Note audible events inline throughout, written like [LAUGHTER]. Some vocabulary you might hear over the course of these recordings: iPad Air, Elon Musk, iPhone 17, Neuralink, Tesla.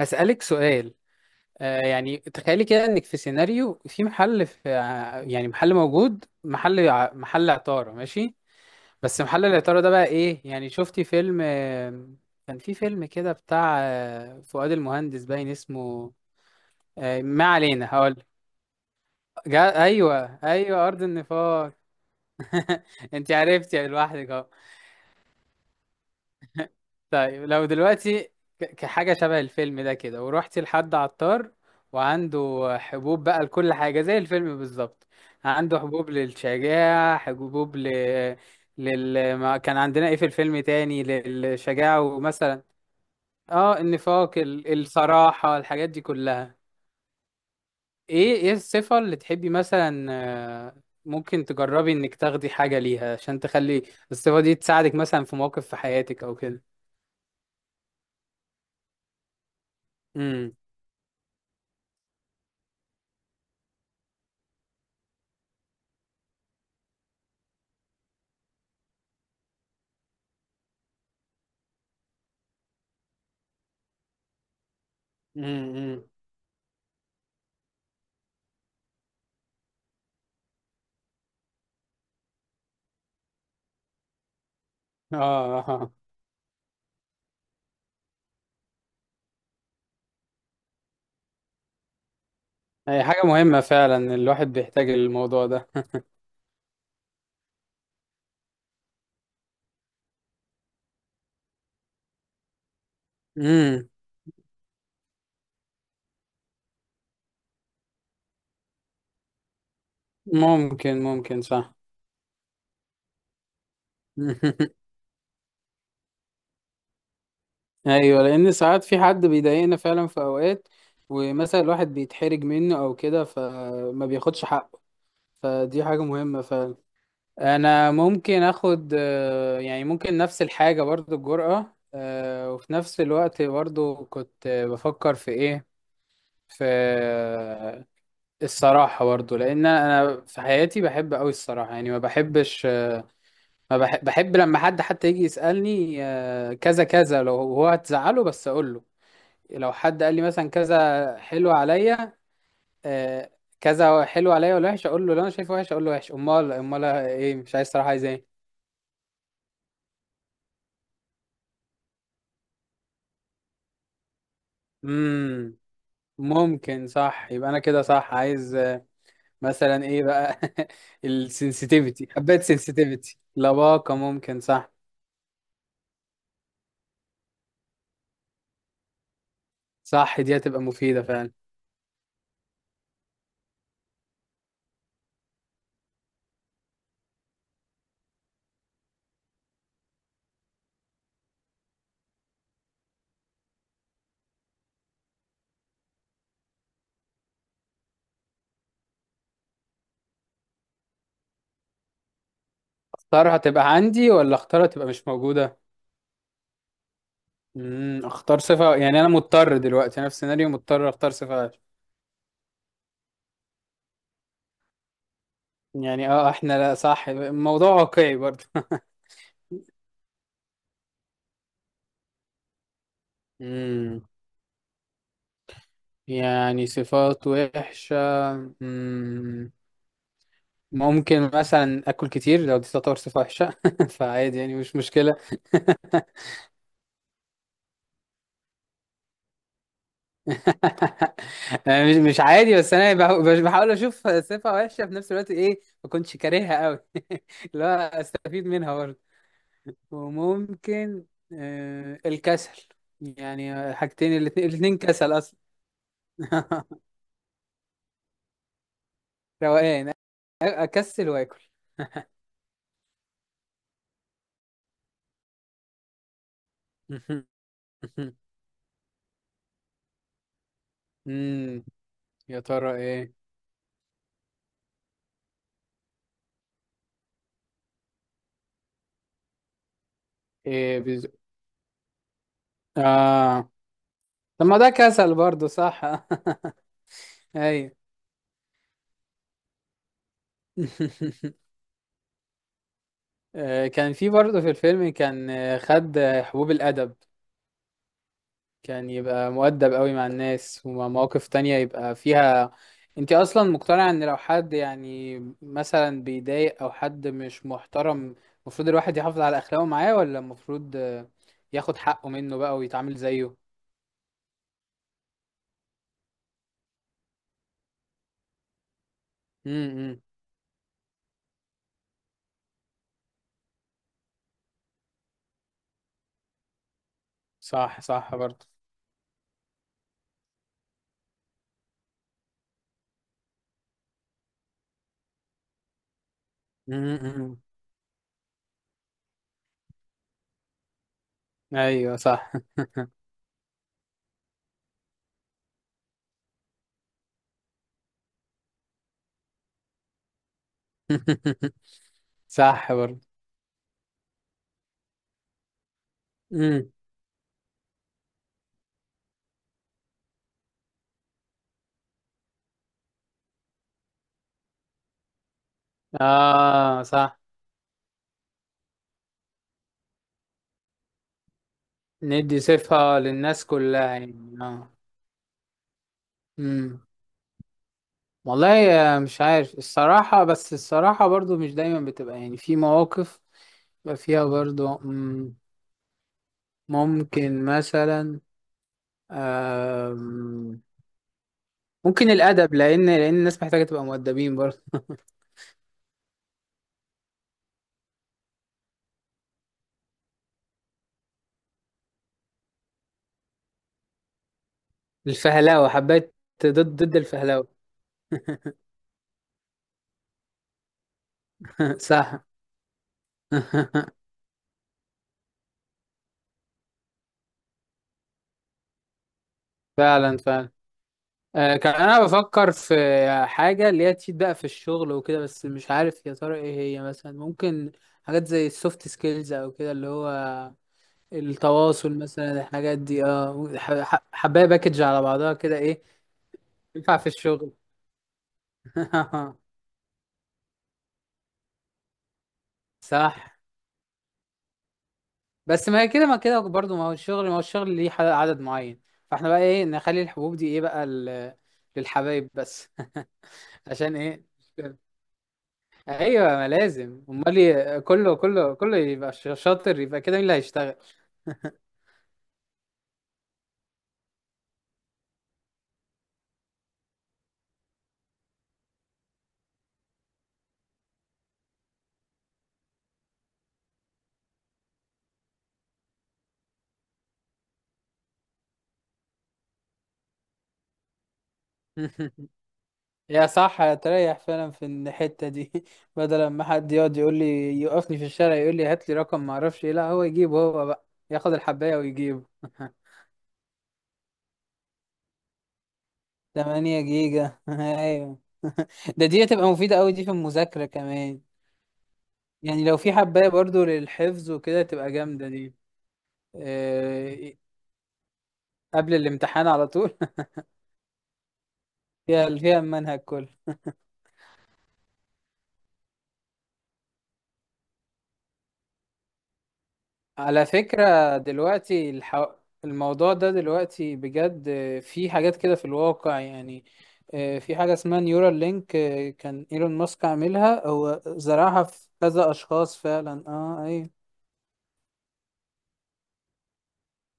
أسألك سؤال. يعني تخيلي كده إنك في سيناريو في محل، في يعني محل موجود، محل محل عطارة، ماشي؟ بس محل العطارة ده بقى إيه؟ يعني شفتي فيلم كان في فيلم كده بتاع فؤاد المهندس، باين اسمه ما علينا، هقول أيوه أيوه، أرض النفاق. [LAUGHS] أنت عرفتي لوحدك أهو. طيب، لو دلوقتي كحاجة شبه الفيلم ده كده، ورحتي لحد عطار وعنده حبوب بقى لكل حاجة زي الفيلم بالظبط، عنده حبوب للشجاعة، حبوب ما كان عندنا ايه في الفيلم تاني، للشجاعة ومثلا اه النفاق الصراحة، الحاجات دي كلها، ايه الصفة اللي تحبي مثلا. آه، ممكن تجربي انك تاخدي حاجة ليها عشان تخلي الصفة دي تساعدك مثلا في مواقف في حياتك او كده. امم. اه. آه. هي حاجة مهمة فعلا، الواحد بيحتاج الموضوع ده. امم. ممكن صح. [LAUGHS] ايوه، لان ساعات في حد بيضايقنا فعلا في اوقات، ومثلا الواحد بيتحرج منه او كده فما بياخدش حقه، فدي حاجة مهمة فعلا. انا ممكن اخد يعني ممكن نفس الحاجة برضو، الجرأة، وفي نفس الوقت برضو كنت بفكر في ايه، في الصراحة برضو، لأن أنا في حياتي بحب أوي الصراحة، يعني ما بحبش، ما بحب, بحب لما حد حتى يجي يسألني كذا كذا، لو هو هتزعله بس أقوله، لو حد قال لي مثلا كذا حلو عليا آه، كذا حلو عليا ولا وحش، أقول له، لو أنا شايفه وحش أقول له وحش، أمال أمال إيه، مش عايز صراحة، عايز إيه؟ مم. ممكن صح، يبقى أنا كده صح، عايز مثلا إيه بقى؟ [LAUGHS] السنسيتيفيتي، حبيت سنسيتيفيتي، لباقة، ممكن صح. صح، دي هتبقى مفيدة فعلا. اختارها تبقى عندي ولا اختارها تبقى مش موجودة؟ امم. اختار صفة، يعني انا مضطر دلوقتي، انا في سيناريو مضطر اختار صفة، يعني اه احنا لا، صح، الموضوع واقعي برضه. [LAUGHS] امم. يعني صفات وحشة. امم. ممكن مثلا اكل كتير، لو دي تعتبر صفة وحشة. [LAUGHS] فعادي يعني، مش مشكلة. [LAUGHS] أنا مش عادي، بس انا بحاول اشوف صفة وحشة في نفس الوقت ايه ما كنتش كارهها قوي، [LAUGHS] لا استفيد منها. وممكن آه الكسل، يعني حاجتين الاتنين كسل اصلا. [LAUGHS] روقان اكسل واكل. [LAUGHS] امم. يا ترى ايه؟ ايه بز... اه، طب ما ده كسل برضو صح. [LAUGHS] ايوه. [LAUGHS] كان في برضه في الفيلم، كان خد حبوب الأدب، كان يبقى مؤدب قوي مع الناس، ومواقف تانية يبقى فيها. انت اصلا مقتنعة ان لو حد يعني مثلا بيضايق او حد مش محترم، المفروض الواحد يحافظ على اخلاقه معاه ولا المفروض ياخد حقه منه بقى ويتعامل زيه؟ امم. صح برضه. امم. ايوه صح. [LAUGHS] صح برضه. امم. اه صح، ندي صفة للناس كلها يعني اه. امم. والله مش عارف الصراحة، بس الصراحة برضو مش دايما بتبقى، يعني في مواقف بيبقى فيها برضو ممكن مثلا آم، ممكن الأدب، لأن الناس محتاجة تبقى مؤدبين برضو. الفهلاوة، حبيت ضد الفهلاوة. [LAUGHS] صح. [LAUGHS] فعلا فعلا. كان أنا بفكر في حاجة اللي هي تفيد بقى في الشغل وكده، بس مش عارف يا ترى إيه هي، مثلا ممكن حاجات زي السوفت سكيلز أو كده، اللي هو التواصل مثلا، الحاجات دي اه حبايه باكج على بعضها كده، ايه ينفع في الشغل. [LAUGHS] صح، بس ما هي كده، ما كده برضو، ما هو الشغل، ما هو الشغل ليه عدد معين، فاحنا بقى ايه، نخلي الحبوب دي ايه بقى للحبايب بس. [LAUGHS] عشان ايه؟ ايوه، ما لازم امال كله كله يبقى شاطر، يبقى كده مين اللي هيشتغل؟ [LAUGHS] يا صح، هتريح فعلا في الحتة دي. [LAUGHS] بدل ما حد يقعد يقول لي، يوقفني في الشارع يقول لي هات لي رقم ما اعرفش ايه، لا هو يجيبه هو بقى، ياخد الحباية ويجيبه. [LAUGHS] 8 جيجا [LAUGHS] ايوه. [LAUGHS] دي هتبقى مفيدة قوي، دي في المذاكرة كمان، يعني لو في حباية برضو للحفظ وكده تبقى جامدة دي، آه، قبل الامتحان على طول. [LAUGHS] فيها المنهج كله. على فكرة دلوقتي الموضوع ده دلوقتي بجد، في حاجات كده في الواقع يعني، في حاجة اسمها نيورال لينك، كان ايلون ماسك عاملها، هو زرعها في كذا اشخاص فعلا، اه اي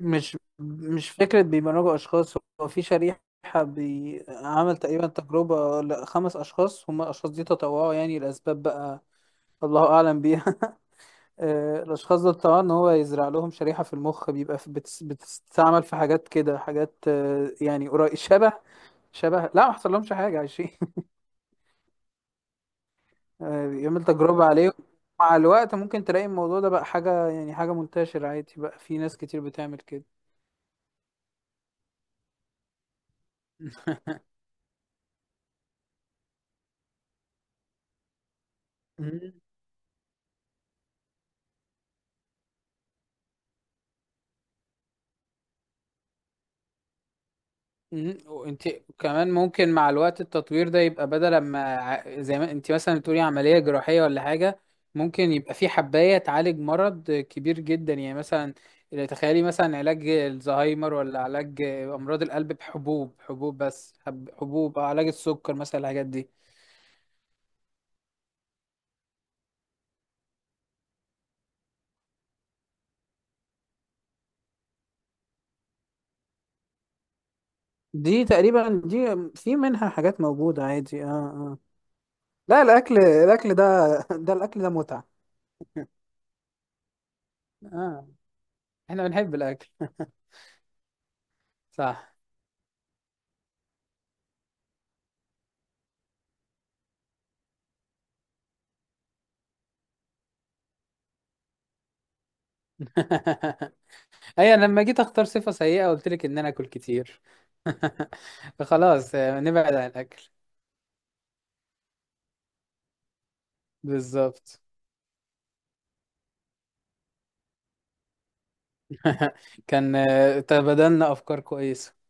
مش فكرة بيبرمجوا اشخاص، هو في شريحة، عمل تقريبا تجربة لخمس اشخاص، هم الاشخاص دي تطوعوا يعني لاسباب بقى الله اعلم بيها. الأشخاص دول طبعا إن هو يزرع لهم شريحة في المخ، بيبقى في بتس بتستعمل في حاجات كده، حاجات يعني قريب شبه لا، ما حصل لهمش حاجة، عايشين. [LAUGHS] بيعمل تجربة عليهم، مع الوقت ممكن تلاقي الموضوع ده بقى حاجة، يعني حاجة منتشرة عادي بقى، في ناس كتير بتعمل كده. [LAUGHS] مم. وانت كمان، ممكن مع الوقت التطوير ده يبقى، بدل ما زي ما انت مثلا بتقولي عملية جراحية ولا حاجة، ممكن يبقى في حباية تعالج مرض كبير جدا، يعني مثلا تخيلي مثلا علاج الزهايمر ولا علاج أمراض القلب بحبوب، حبوب بس، حبوب، أو علاج السكر مثلا، الحاجات دي دي تقريبا دي، في منها حاجات موجودة عادي اه اه. لا، الأكل، ده الأكل ده متعة. آه. احنا بنحب الأكل. صح. [LAUGHS] اي انا لما جيت اختار صفة سيئة قلت لك ان انا اكل كتير. [LAUGHS] فخلاص نبعد عن الاكل بالظبط. [LAUGHS] كان تبادلنا افكار كويسة.